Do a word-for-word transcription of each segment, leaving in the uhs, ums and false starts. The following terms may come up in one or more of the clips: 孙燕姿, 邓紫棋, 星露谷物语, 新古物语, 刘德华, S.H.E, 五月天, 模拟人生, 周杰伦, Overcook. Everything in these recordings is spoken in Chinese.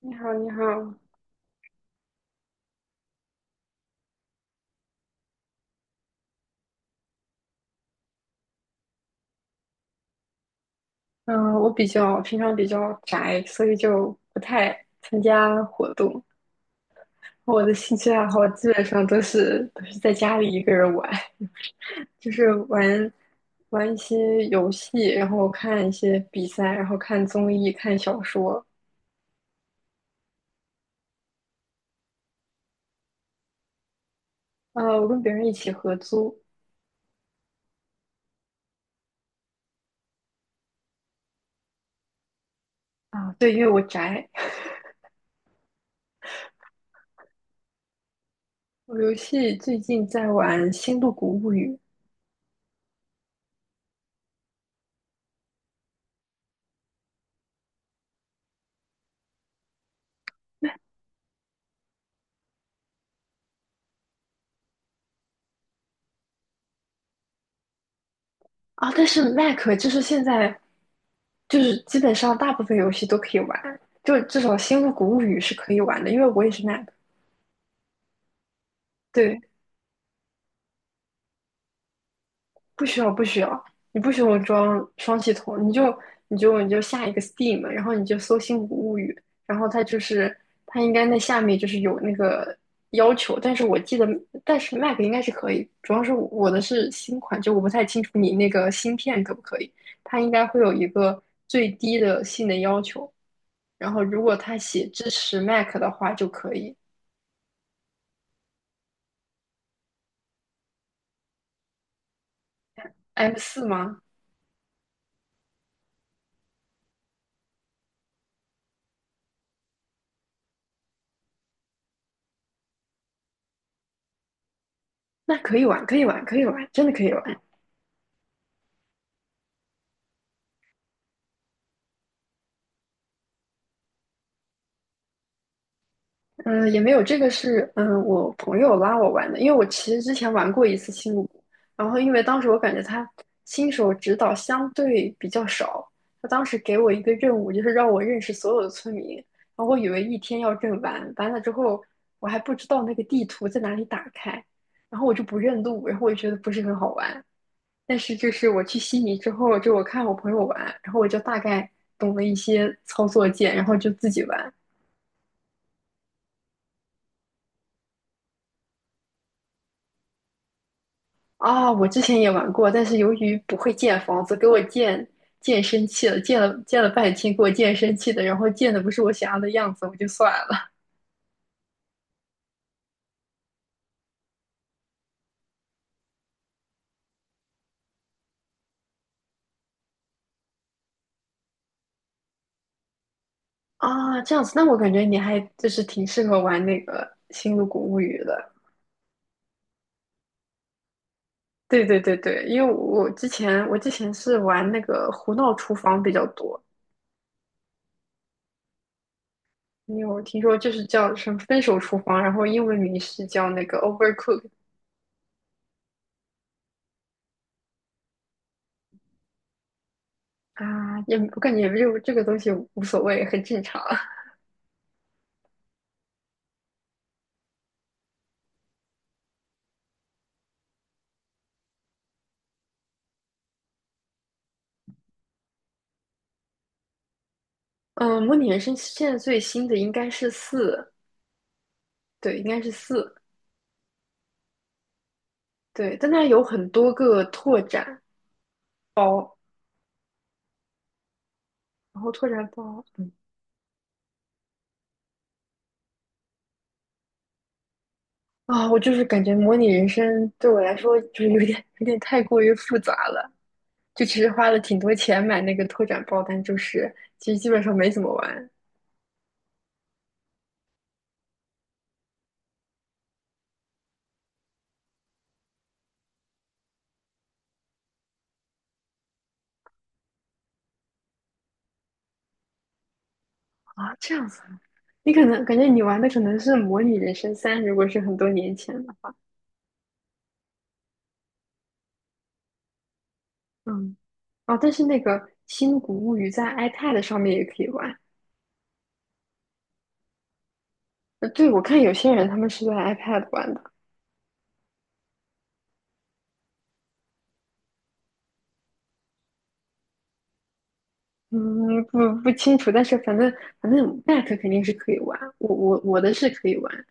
你好，你好，嗯，我比较平常比较宅，所以就不太参加活动。我的兴趣爱好基本上都是都是在家里一个人玩，就是玩玩一些游戏，然后看一些比赛，然后看综艺、看小说。呃，我跟别人一起合租啊，对，因为我宅。我游戏最近在玩《星露谷物语》，啊，但是 Mac 就是现在就是基本上大部分游戏都可以玩，就至少《星露谷物语》是可以玩的，因为我也是 Mac。对，不需要不需要，你不需要装双系统，你就你就你就下一个 Steam，然后你就搜《星谷物语》，然后它就是它应该那下面就是有那个要求，但是我记得，但是 Mac 应该是可以，主要是我的是新款，就我不太清楚你那个芯片可不可以，它应该会有一个最低的性能要求。然后如果他写支持 Mac 的话就可以。M 四吗？那可以玩，可以玩，可以玩，真的可以玩。嗯，呃也没有，这个是嗯呃我朋友拉我玩的，因为我其实之前玩过一次星露谷，然后因为当时我感觉他新手指导相对比较少，他当时给我一个任务，就是让我认识所有的村民，然后我以为一天要认完，完了之后我还不知道那个地图在哪里打开，然后我就不认路，然后我就觉得不是很好玩，但是就是我去悉尼之后，就我看我朋友玩，然后我就大概懂了一些操作键，然后就自己玩。啊，我之前也玩过，但是由于不会建房子，给我建建生气了，建了建了半天，给我建生气的，然后建的不是我想要的样子，我就算了。啊，这样子，那我感觉你还就是挺适合玩那个《星露谷物语》的。对对对对，因为我之前我之前是玩那个胡闹厨房比较多，你有听说就是叫什么“分手厨房”，然后英文名是叫那个 “Overcook” 啊？也我感觉这个这个东西无所谓，很正常。嗯，模拟人生现在最新的应该是四，对，应该是四，对，但它有很多个拓展，然后拓展包，嗯啊，我就是感觉模拟人生对我来说就是有点有点太过于复杂了，就其实花了挺多钱买那个拓展包，但就是其实基本上没怎么玩。啊，这样子啊你可能感觉你玩的可能是《模拟人生三》，如果是很多年前的话，嗯，哦，但是那个《新古物语》在 iPad 上面也可以玩。呃，对，我看有些人他们是在 iPad 玩的，嗯，不不清楚，但是反正反正 Mac 肯定是可以玩，我我我的是可以玩。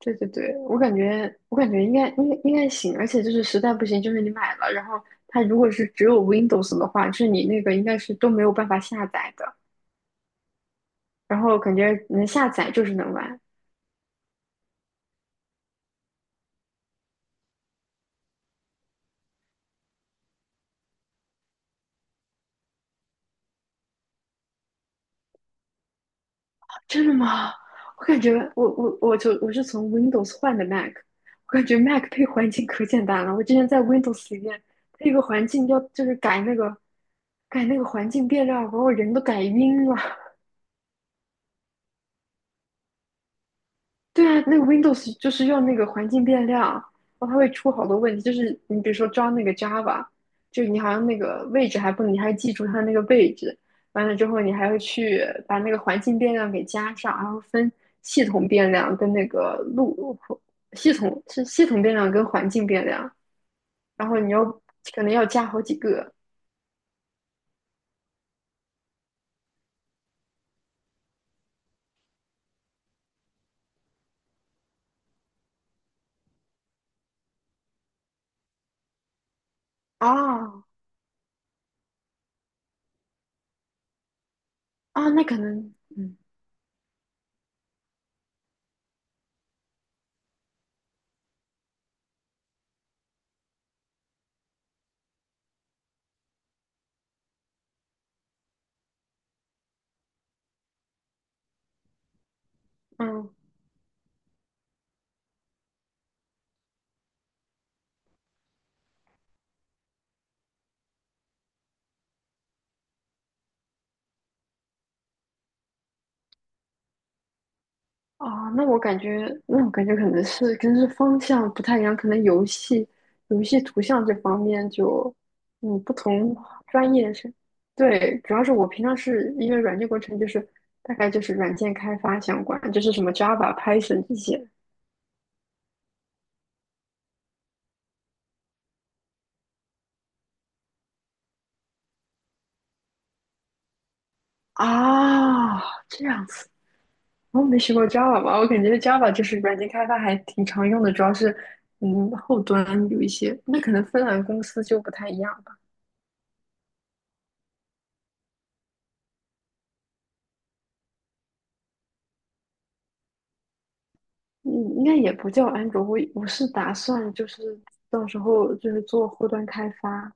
对对对，我感觉我感觉应该应该应该行，而且就是实在不行，就是你买了，然后它如果是只有 Windows 的话，就是你那个应该是都没有办法下载的。然后感觉能下载就是能玩。真的吗？我感觉我我我就我是从 Windows 换的 Mac，我感觉 Mac 配环境可简单了。我之前在 Windows 里面配一个环境要就是改那个改那个环境变量，把我人都改晕了。对啊，那个 Windows 就是用那个环境变量，然后它会出好多问题。就是你比如说装那个 Java，就你好像那个位置还不能你还记住它那个位置，完了之后你还要去把那个环境变量给加上，然后分系统变量跟那个路系统是系统变量跟环境变量，然后你要可能要加好几个啊啊，那可能嗯嗯啊，那我感觉，那我感觉可能是跟是方向不太一样，可能游戏游戏图像这方面就，嗯，不同专业是，对，主要是我平常是因为软件工程，就是大概就是软件开发相关，就是什么 Java、Python 这些啊，这样子，我没学过 Java 吧，我感觉 Java 就是软件开发还挺常用的，主要是嗯后端有一些，那可能芬兰公司就不太一样。嗯，应该也不叫安卓，我我是打算就是到时候就是做后端开发。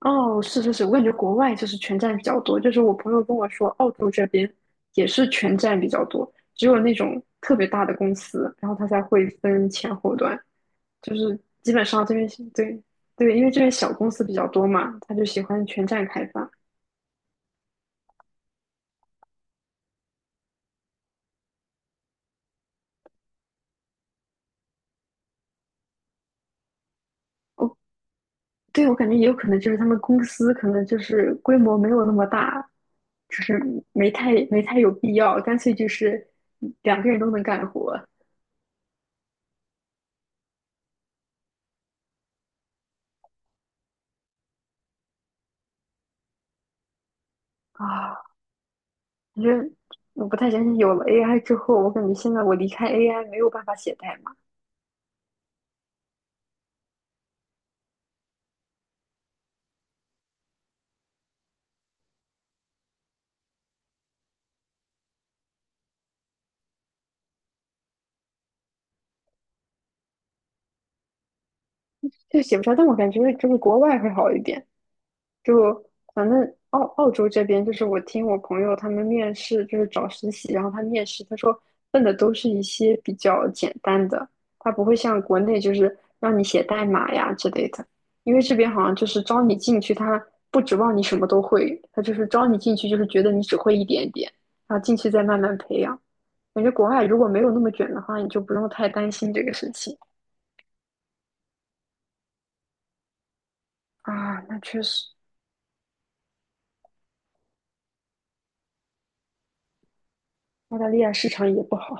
哦，是是是，我感觉国外就是全站比较多，就是我朋友跟我说，澳洲这边也是全站比较多，只有那种特别大的公司，然后他才会分前后端，就是基本上这边对对，因为这边小公司比较多嘛，他就喜欢全站开发。对，我感觉也有可能就是他们公司可能就是规模没有那么大，就是没太没太有必要，干脆就是两个人都能干活啊。反正我不太相信有了 A I 之后，我感觉现在我离开 A I 没有办法写代码，就写不出来。但我感觉这个国外会好一点，就反正澳澳洲这边，就是我听我朋友他们面试，就是找实习，然后他面试，他说问的都是一些比较简单的，他不会像国内就是让你写代码呀之类的，因为这边好像就是招你进去，他不指望你什么都会，他就是招你进去就是觉得你只会一点点，然后进去再慢慢培养。感觉国外如果没有那么卷的话，你就不用太担心这个事情啊。那确实，澳大利亚市场也不好。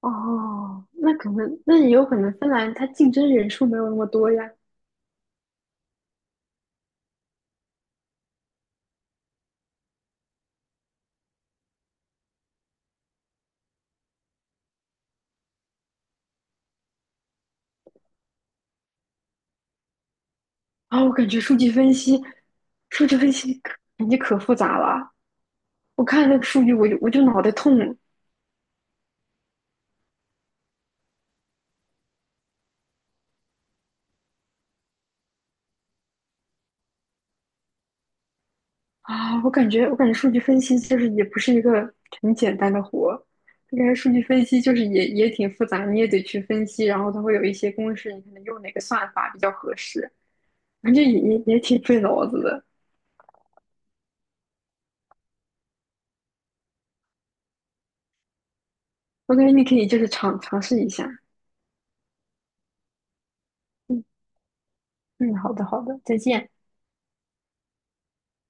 哦，那可能，那也有可能芬兰它竞争人数没有那么多呀。啊、我感觉数据分析，数据分析可感觉可复杂了。我看那个数据，我就我就脑袋痛啊！我感觉，我感觉数据分析就是也不是一个很简单的活。我感觉数据分析就是也也挺复杂，你也得去分析，然后它会有一些公式，你可能用哪个算法比较合适，反正也也也挺费脑子的。我感觉你可以就是尝尝试一下。嗯嗯，好的好的，再见。